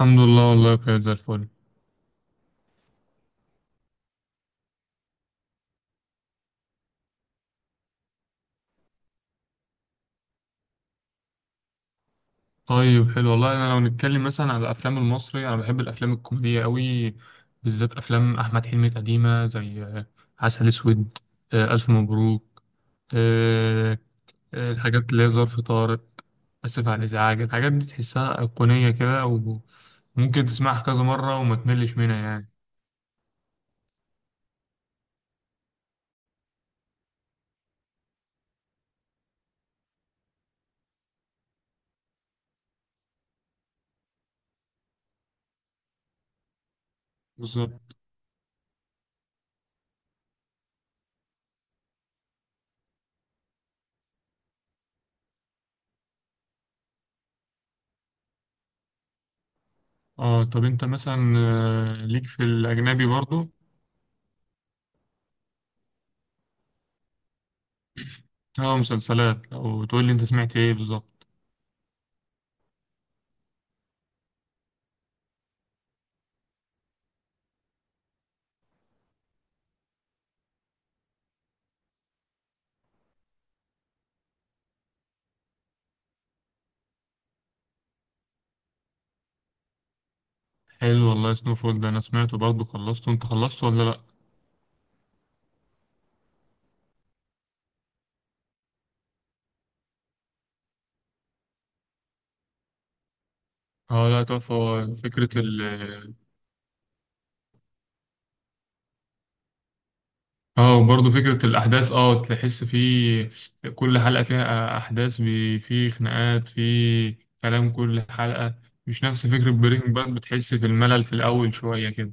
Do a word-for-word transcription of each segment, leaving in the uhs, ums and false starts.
الحمد لله والله كانت زي الفل. طيب حلو والله، انا لو نتكلم مثلا على الافلام المصري، انا بحب الافلام الكوميديه قوي، بالذات افلام احمد حلمي القديمه زي آه، عسل اسود، آه، الف مبروك، آه، آه، الحاجات اللي هي ظرف طارق، اسف على الازعاج. الحاجات دي تحسها ايقونيه كده، وممكن تسمعها كذا مره وما تملش منها يعني. بالظبط. اه، طب انت مثلا آه، ليك في الاجنبي برضو؟ اه، مسلسلات، او تقول لي انت سمعت ايه بالظبط. حلو والله، سنو فول ده انا سمعته برضه. خلصته انت، خلصته ولا لا؟ اه لا، تحفة. هو فكرة ال اه، وبرضه فكرة الأحداث، اه تحس فيه كل حلقة فيها أحداث بي... فيه خناقات، فيه كلام كل حلقة. مش نفس فكرة بريكنج باد، بتحس في الملل في الأول شوية كده.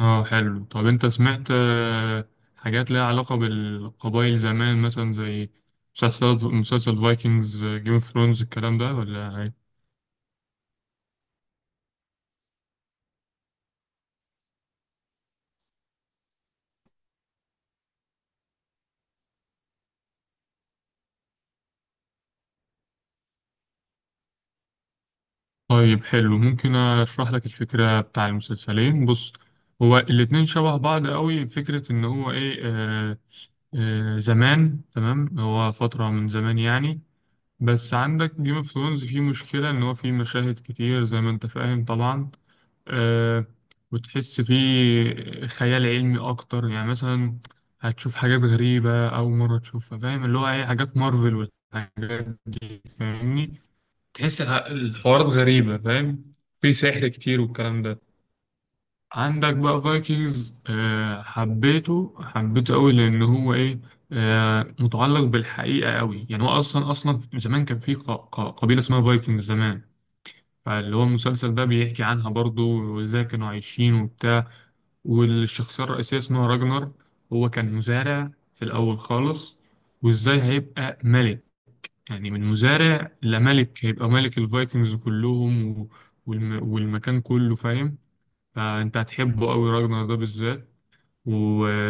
اه حلو، طب انت سمعت آه، حاجات ليها علاقة بالقبائل زمان، مثلا زي مسلسلات مسلسل فايكنجز، جيم اوف ثرونز، الكلام ده ولا؟ طيب حلو، ممكن اشرح لك الفكرة بتاع المسلسلين. بص، هو الاتنين شبه بعض قوي. فكرة ان هو ايه، آه آه زمان، تمام، هو فترة من زمان يعني. بس عندك جيم اوف ثرونز فيه مشكلة ان هو فيه مشاهد كتير، زي ما انت فاهم طبعا. آه وتحس فيه خيال علمي اكتر، يعني مثلا هتشوف حاجات غريبة اول مرة تشوفها، فاهم؟ اللي هو ايه، حاجات مارفل والحاجات دي، فاهمني. تحس ه- الحوارات غريبة، فاهم، في سحر كتير والكلام ده. عندك بقى فايكنجز، آه، حبيته حبيته قوي لأن هو إيه، آه، متعلق بالحقيقة قوي. يعني هو أصلا أصلا زمان كان في ق- ق- قبيلة اسمها فايكنجز زمان، فاللي هو المسلسل ده بيحكي عنها برضو، وإزاي كانوا عايشين وبتاع. والشخصية الرئيسية اسمها راجنر، هو كان مزارع في الأول خالص، وإزاي هيبقى ملك. يعني من مزارع لملك، هيبقى ملك الفايكنجز كلهم و... والم... والمكان كله، فاهم. فانت هتحبه قوي، راجنر ده بالذات، و...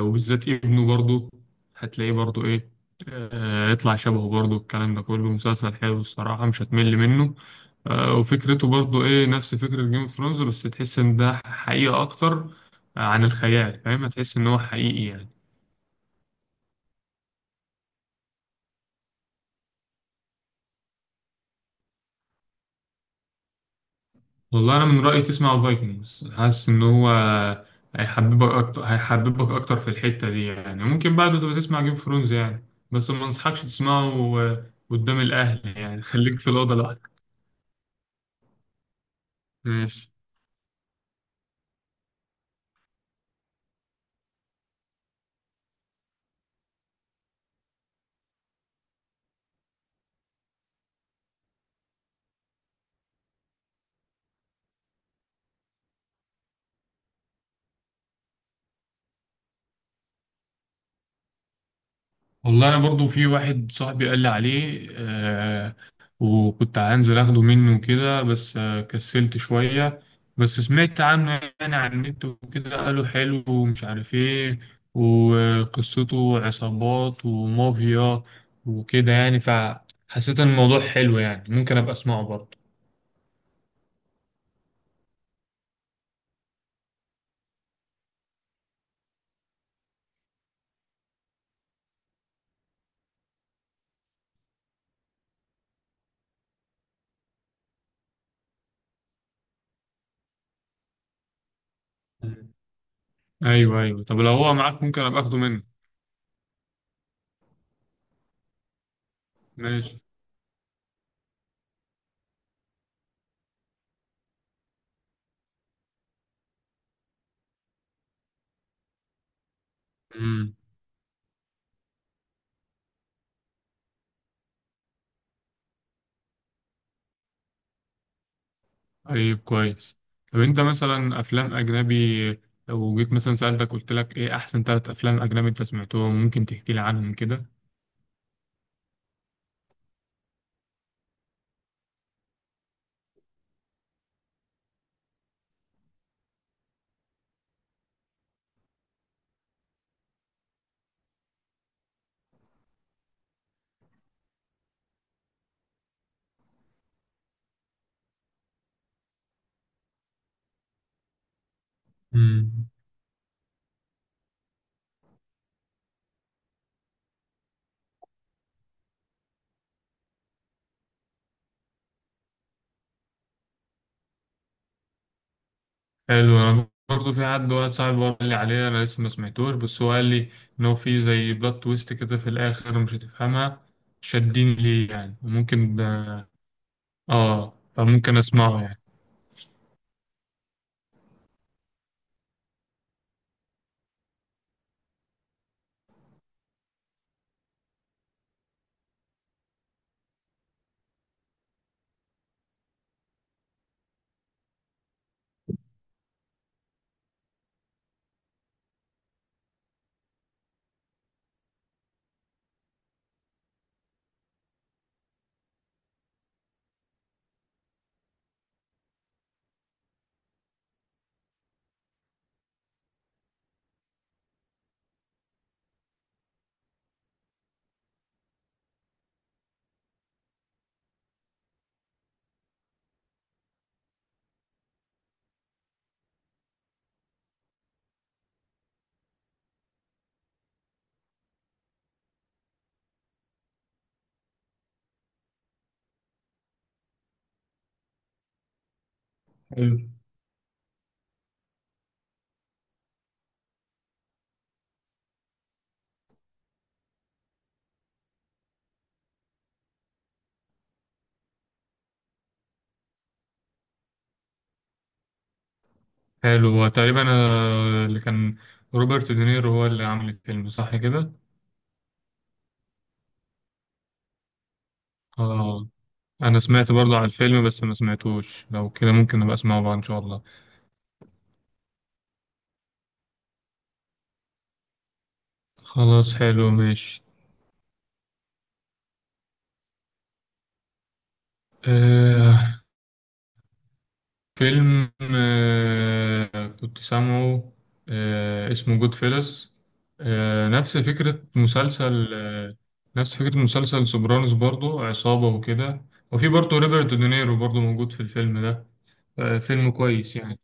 وبالذات ابنه برضه، هتلاقيه برضه ايه، آه، يطلع شبهه برضه، الكلام ده كله مسلسل حلو الصراحة، مش هتمل منه. آه، وفكرته برضه ايه نفس فكرة جيم اوف ثرونز، بس تحس ان ده حقيقة اكتر عن الخيال، فاهم، هتحس ان هو حقيقي يعني. والله انا من رايي تسمع الفايكنجز، حاسس ان هو هيحببك اكتر، هيحببك اكتر في الحته دي يعني. ممكن بعده تبقى تسمع جيم اوف ثرونز يعني، بس ما انصحكش تسمعه آه، قدام الاهل، يعني خليك في الاوضه لوحدك. والله انا برضو في واحد صاحبي قال لي عليه آه وكنت هنزل اخده منه كده، بس آه كسلت شوية. بس سمعت عنه يعني، على النت وكده قالوا حلو ومش عارف ايه، وقصته عصابات ومافيا وكده يعني، فحسيت ان الموضوع حلو يعني، ممكن ابقى اسمعه برضه. مم. ايوه، ايوه، طب لو هو معاك ممكن ابقى اخده منه. ماشي. مم. طيب كويس. طب انت مثلا افلام اجنبي، لو جيت مثلا سألتك قلت لك ايه احسن ثلاث افلام اجنبي انت سمعتهم، ممكن تحكي لي عنهم كده. مم. حلو، انا برضه في حد، واحد صاحبي برضه قال لي عليه، انا لسه ما سمعتوش، بس هو قال لي ان هو في زي بلوت تويست كده في الاخر، مش هتفهمها. شدني ليه يعني، وممكن اه فممكن اسمعه يعني. حلو، حلو، هو تقريبا آه، اللي كان روبرت دينيرو هو اللي عامل الفيلم، صح كده؟ اه، انا سمعت برضه عن الفيلم بس ما سمعتوش، لو كده ممكن نبقى اسمعه بقى ان شاء الله. خلاص حلو ماشي. آه فيلم آه كنت سامعه، آه اسمه جود فيلس، آه نفس فكرة مسلسل آه نفس فكرة مسلسل سوبرانوس برضه، عصابة وكده، وفي برضه روبرت دينيرو برضه موجود في الفيلم ده. آه فيلم كويس يعني،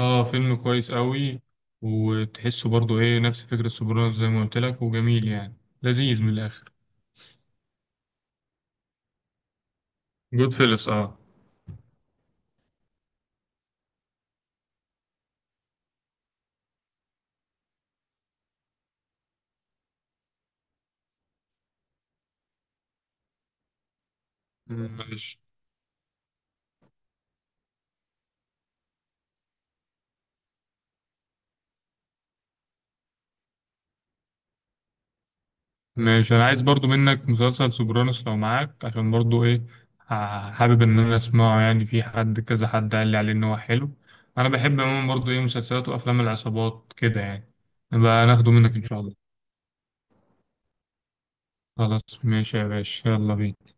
اه فيلم كويس قوي. وتحسه برضه ايه نفس فكرة سوبرانوس زي ما قلت لك، وجميل يعني، لذيذ من الآخر. جود فيلس اه. ماشي، ماشي، انا عايز برضو منك مسلسل سوبرانوس لو معاك، عشان برضو ايه ح- حابب ان انا اسمعه يعني، في حد، كذا حد قال لي عليه ان هو حلو. انا بحب عموما برضو ايه مسلسلات وافلام العصابات كده يعني، نبقى ناخده منك ان شاء الله. خلاص ماشي يا باشا، يلا بينا.